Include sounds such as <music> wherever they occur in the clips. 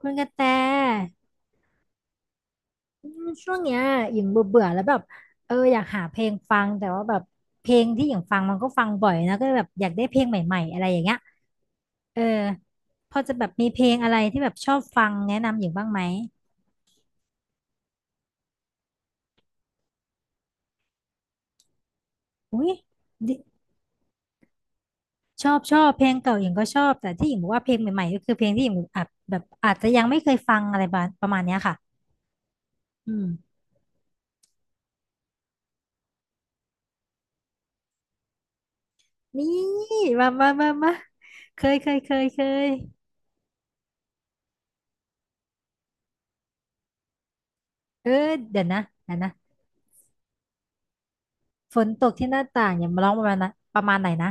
คุณกระแตอืมช่วงเนี้ยหญิงเบื่อเบื่อแล้วแบบอยากหาเพลงฟังแต่ว่าแบบเพลงที่หญิงฟังมันก็ฟังบ่อยนะก็เลยแบบอยากได้เพลงใหม่ๆอะไรอย่างเงี้ยเออพอจะแบบมีเพลงอะไรที่แบบชอบฟังแนะนำหญิงบ้างไหมอุ้ยดิชอบชอบเพลงเก่าหญิงก็ชอบแต่ที่หญิงบอกว่าเพลงใหม่ๆก็คือเพลงที่หญิงอาจแบบอาจจะยังไม่เคยฟังอะไรประมาณประมาณเนี้ยค่ะอืมนี่มามามามาเคยเคยเคยเคยเออเดี๋ยวนะเดี๋ยวนะ ฝนตกที่หน้าต่างอย่ามาร้องประมาณนะประมาณไหนนะ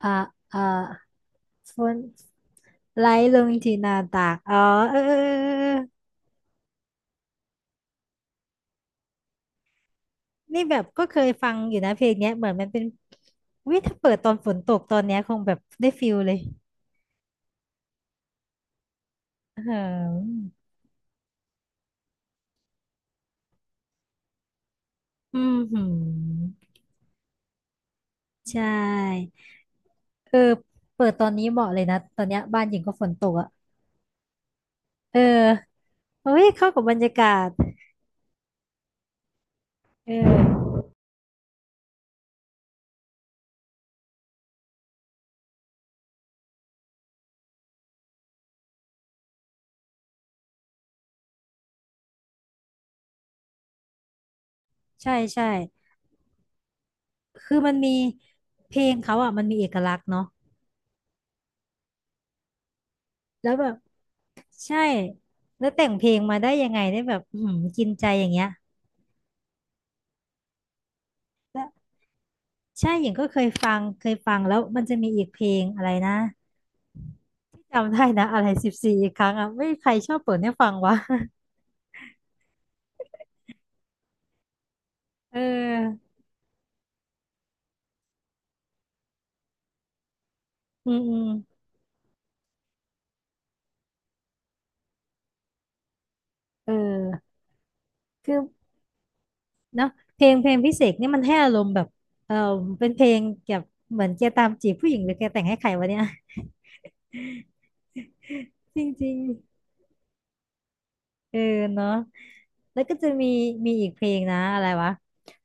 อ่าอ่าฝนไหลลงที่หน้าต่างอ๋อเออเออเออเออนี่แบบก็เคยฟังอยู่นะเพลงเนี้ยเหมือนมันเป็นวิถ้าเปิดตอนฝนตกตอนเนี้ยคงแบบได้ฟิลเลยอืมอืมหืมใช่เออเปิดตอนนี้เหมาะเลยนะตอนเนี้ยบ้านหญิงก็ฝนตกอ่ะเออเฮ้ยเข้ากับบรรยากาศเออใช่ใช่ คือมันมีเพลงเขาอ่ะมันมีเอกลักษณ์เนาะแล้วแบบใช่แล้วแต่งเพลงมาได้ยังไงได้แบบอื้อหือกินใจอย่างเงี้ยแล้วใช่หญิงก็เคยฟังเคยฟังแล้วมันจะมีอีกเพลงอะไรนะไม่จำได้นะอะไรสิบสี่อีกครั้งอ่ะไม่ใครชอบเปิดให้ฟังวะ <laughs> เอออืมอืมเออคือเนาะเพลงเพลงพิเศษนี่มันให้อารมณ์แบบเออเป็นเพลงเกี่ยวกับเหมือนแกตามจีบผู้หญิงหรือแกแต่งให้ใครวะเนี่ย <laughs> จริงๆเนาะ แล้วก็จะมีมีอีกเพลงนะอะไรวะ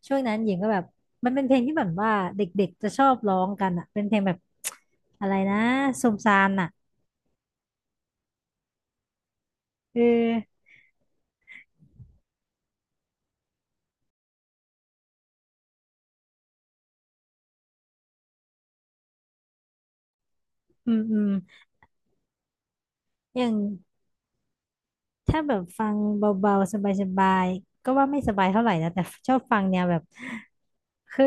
ช่วงนั้นหญิงก็แบบมันเป็นเพลงที่แบบว่าเด็กๆจะชอบร้องกันอ่ะเป็นเพลงแบบ <tsk> อะไรนะสมซานอ่ะเอออืมอืมอย่างถ้าแบบฟังเบาๆสบายๆก็ว่าไม่สบายเท่าไหร่นะแต่ชอบฟังแนวแบบคือ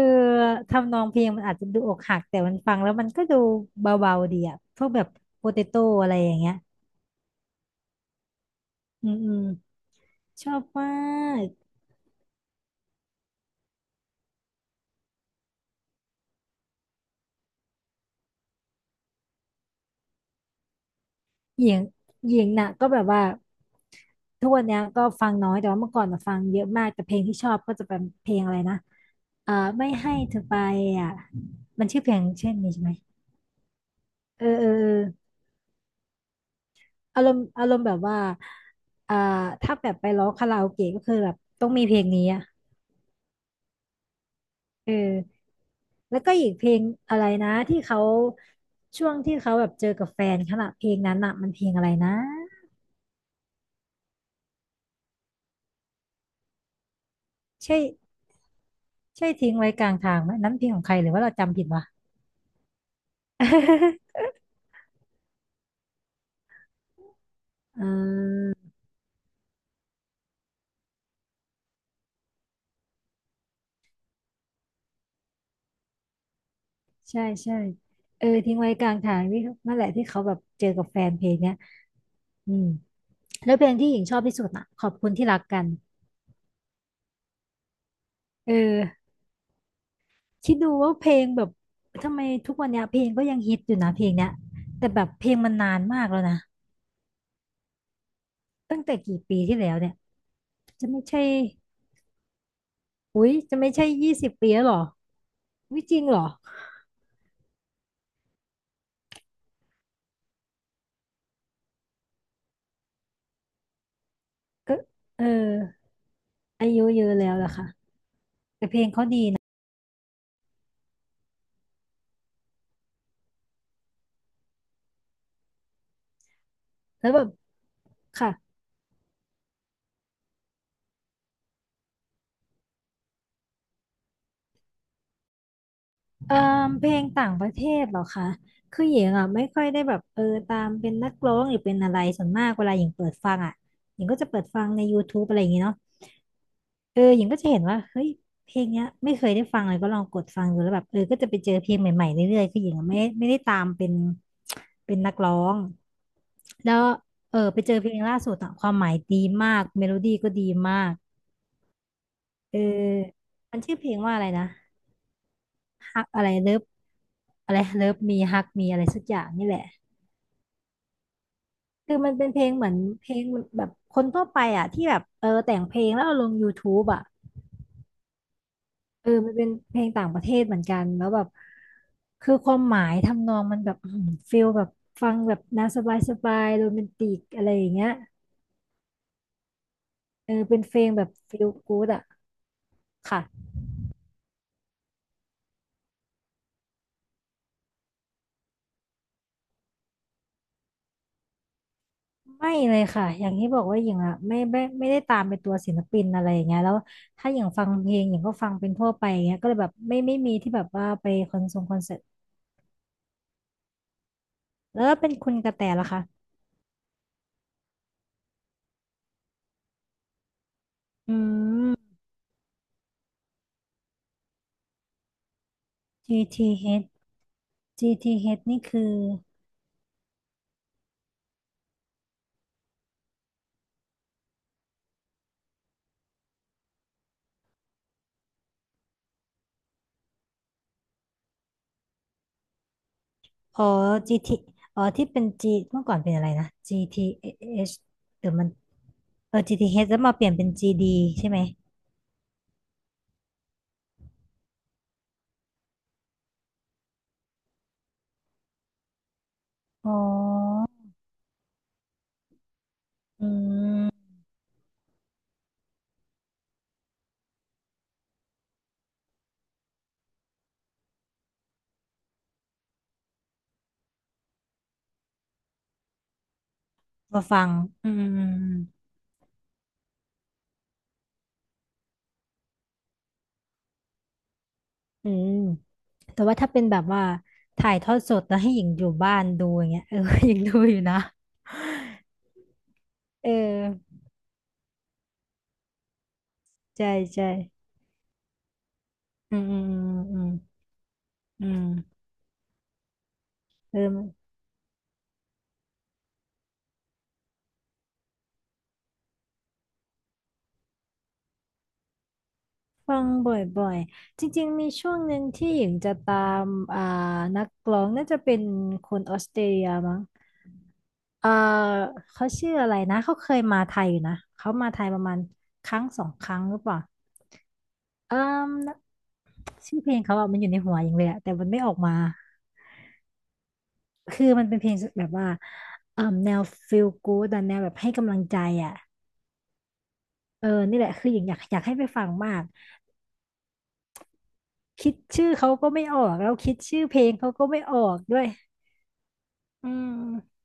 ทำนองเพลงมันอาจจะดูอกหักแต่มันฟังแล้วมันก็ดูเบาๆดีอ่ะพวกแบบโปเตโต้อะไรอย่างเงี้ยอืมอืมชอบมาก หญิงหญิงน่ะก็แบบว่าทุกวันเนี้ยก็ฟังน้อยแต่ว่าเมื่อก่อนน่ะฟังเยอะมากแต่เพลงที่ชอบก็จะเป็นเพลงอะไรนะไม่ให้เธอไปอ่ะมันชื่อเพลงเช่นนี้ใช่ไหมเออเออเอออารมณ์อารมณ์แบบว่าอ่าถ้าแบบไปร้องคาราโอเกะก็คือแบบต้องมีเพลงนี้อ่ะเออแล้วก็อีกเพลงอะไรนะที่เขาช่วงที่เขาแบบเจอกับแฟนขณะเพลงนั้นน่ะมันเพลงอะไรนะใช่ใช่ทิ้งไว้กลางทางไหมนั้นเพลงของใครหรือว่าเราจำผิดวะ <laughs> อ่าใช่ใช่ทิ้งไว้กลางทางที่นั่นแหละที่เขาแบบเจอกับแฟนเพลงเนี้ยอืมแล้วเพลงที่หญิงชอบที่สุดอ่ะขอบคุณที่รักกันเออคิดดูว่าเพลงแบบทำไมทุกวันเนี้ยเพลงก็ยังฮิตอยู่นะเพลงเนี้ยแต่แบบเพลงมันนานมากแล้วนะตั้งแต่กี่ปีที่แล้วเนี่ยจะไม่ใช่อุ๊ยจะไม่ใช่ยี่สิบปีแล้วเหรอวิจริงเหรอก็เอออายุเยอะแล้วล่ะค่ะแล้วแบบค่ะ เอ่อเพลงต่างประเทศเหรอคะคือหญิงอ่ะไม่ค่อยได้แบบตามเป็นนักร้องหรือเป็นอะไรส่วนมากเวลาหญิงเปิดฟังอ่ะหญิงก็จะเปิดฟังในยูทูบอะไรอย่างงี้เนาะหญิงก็จะเห็นว่าเฮ้ยเพลงเนี้ยไม่เคยได้ฟังเลยก็ลองกดฟังดูแล้วแบบก็จะไปเจอเพลงใหม่ๆเรื่อยๆคือหญิงอะไม่ได้ตามเป็นเป็นนักร้องแล้วไปเจอเพลงล่าสุดอ่ะความหมายดีมากเมโลดี้ก็ดีมากเออมันชื่อเพลงว่าอะไรนะ ฮักอะไรเลิฟอะไรเลิฟมีฮักมีอะไรสักอย่างนี่แหละคือมันเป็นเพลงเหมือนเพลงแบบคนทั่วไปอ่ะที่แบบแต่งเพลงแล้วเอาลง YouTube อ่ะมันเป็นเพลงต่างประเทศเหมือนกันแล้วแบบคือความหมายทำนองมันแบบอื้อหือฟิลแบบฟังแบบน่าสบายสบายโรแมนติกอะไรอย่างเงี้ยเป็นเพลงแบบฟิลกู๊ดอ่ะค่ะ ไม่เลยค่ะอย่างที่บอกว่าหญิงอ่ะไม่ได้ตามเป็นตัวศิลปินอะไรอย่างเงี้ยแล้วถ้าอย่างฟังเพลงหญิงก็ฟังเป็นทั่วไปอย่างเงี้ยก็เลยแบบไม่มีที่แบบว่าไปคอนเสิร์ตคอนเสิร์ตแล้วเป็นคุณกระแตล่ะคะอืม GTH GTH นี่คืออ๋อ GT อ๋อที่เป็น G เมื่อก่อนเป็นอะไรนะ GTH หรือชเดี๋ยวมันGTH แล้วมาเปลี่ยนเป็น GD ใช่ไหมอ๋ออืมมาฟังอืม อืมแต่ว่าถ้าเป็นแบบว่าถ่ายทอดสดแล้วให้หญิงอยู่บ้านดูอย่างเงี้ยเออ <laughs> หญิงดูอยู่นะเออใช่ใช่อืมอืมอืมอืมอืมเออฟังบ่อยๆจริงๆมีช่วงหนึ่งที่หญิงจะตามอ่านักร้องน่าจะเป็นคนออสเตรเลียมั้งอ่าเขาชื่ออะไรนะเขาเคยมาไทยอยู่นะเขามาไทยประมาณครั้งสองครั้งหรือเปล่าอืมชื่อเพลงเขาอะมันอยู่ในหัวหญิงเลยอะแต่มันไม่ออกมา คือมันเป็นเพลงแบบว่าเอ่มแนว feel good อะแนวแบบให้กำลังใจอ่ะเออนี่แหละคืออยากให้ไปฟังมาก คิดชื่อเขาก็ไม่ออกแล้วคิดชื่อเพลงเขาก็ไม่ออกด้วยอืม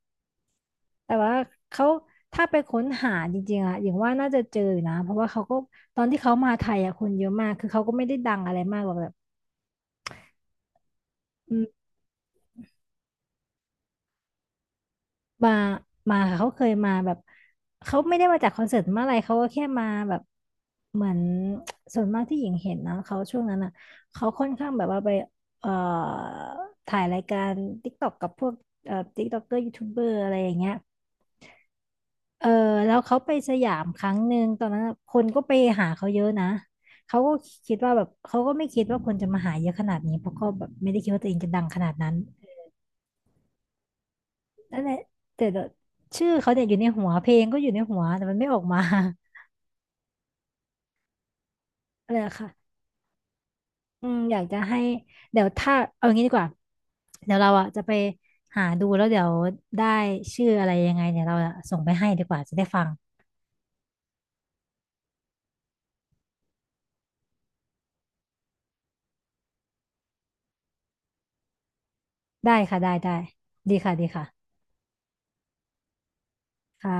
แต่ว่าเขาถ้าไปค้นหาจริงๆอะอย่างว่าน่าจะเจออยู่นะ เพราะว่าเขาก็ตอนที่เขามาไทยอะคนเยอะมาก คือเขาก็ไม่ได้ดังอะไรมากหรอกแบบ มามาค่ะเขาเคยมาแบบเขาไม่ได้มาจากคอนเสิร์ตเมื่อะไรเขาก็แค่มาแบบเหมือน <tsk> ส่วนมากที่หญิงเห็นนะเขาช่วงนั้นอ่ะเขาค่อนข้างแบบว่าไปเอ่อถ่ายรายการ TikTok กับพวกTikToker ยูทูบเบอร์อะไรอย่างเงี้ยเออแล้วเขาไปสยามครั้งหนึ่งตอนนั้นอะคนก็ไปหาเขาเยอะนะเขาก็คิดว่าแบบเขาก็ไม่คิดว่าคนจะมาหาเยอะขนาดนี้เพราะก็แบบไม่ได้คิดว่าตัวเองจะดังขนาดนั้น นั่นแหละแต่แบบชื่อเขาเนี่ยอยู่ในหัวเพลงก็อยู่ในหัวแต่มันไม่ออกมา <laughs> อะไรอะค่ะอืมอยากจะให้เดี๋ยวถ้าเอางี้ดีกว่าเดี๋ยวเราอ่ะจะไปหาดูแล้วเดี๋ยวได้ชื่ออะไรยังไงเนี่ยเราอะส่งไปให้ดีกว่าจะได้ฟังได้ค่ะได้ได้ดีค่ะดีค่ะค่ะ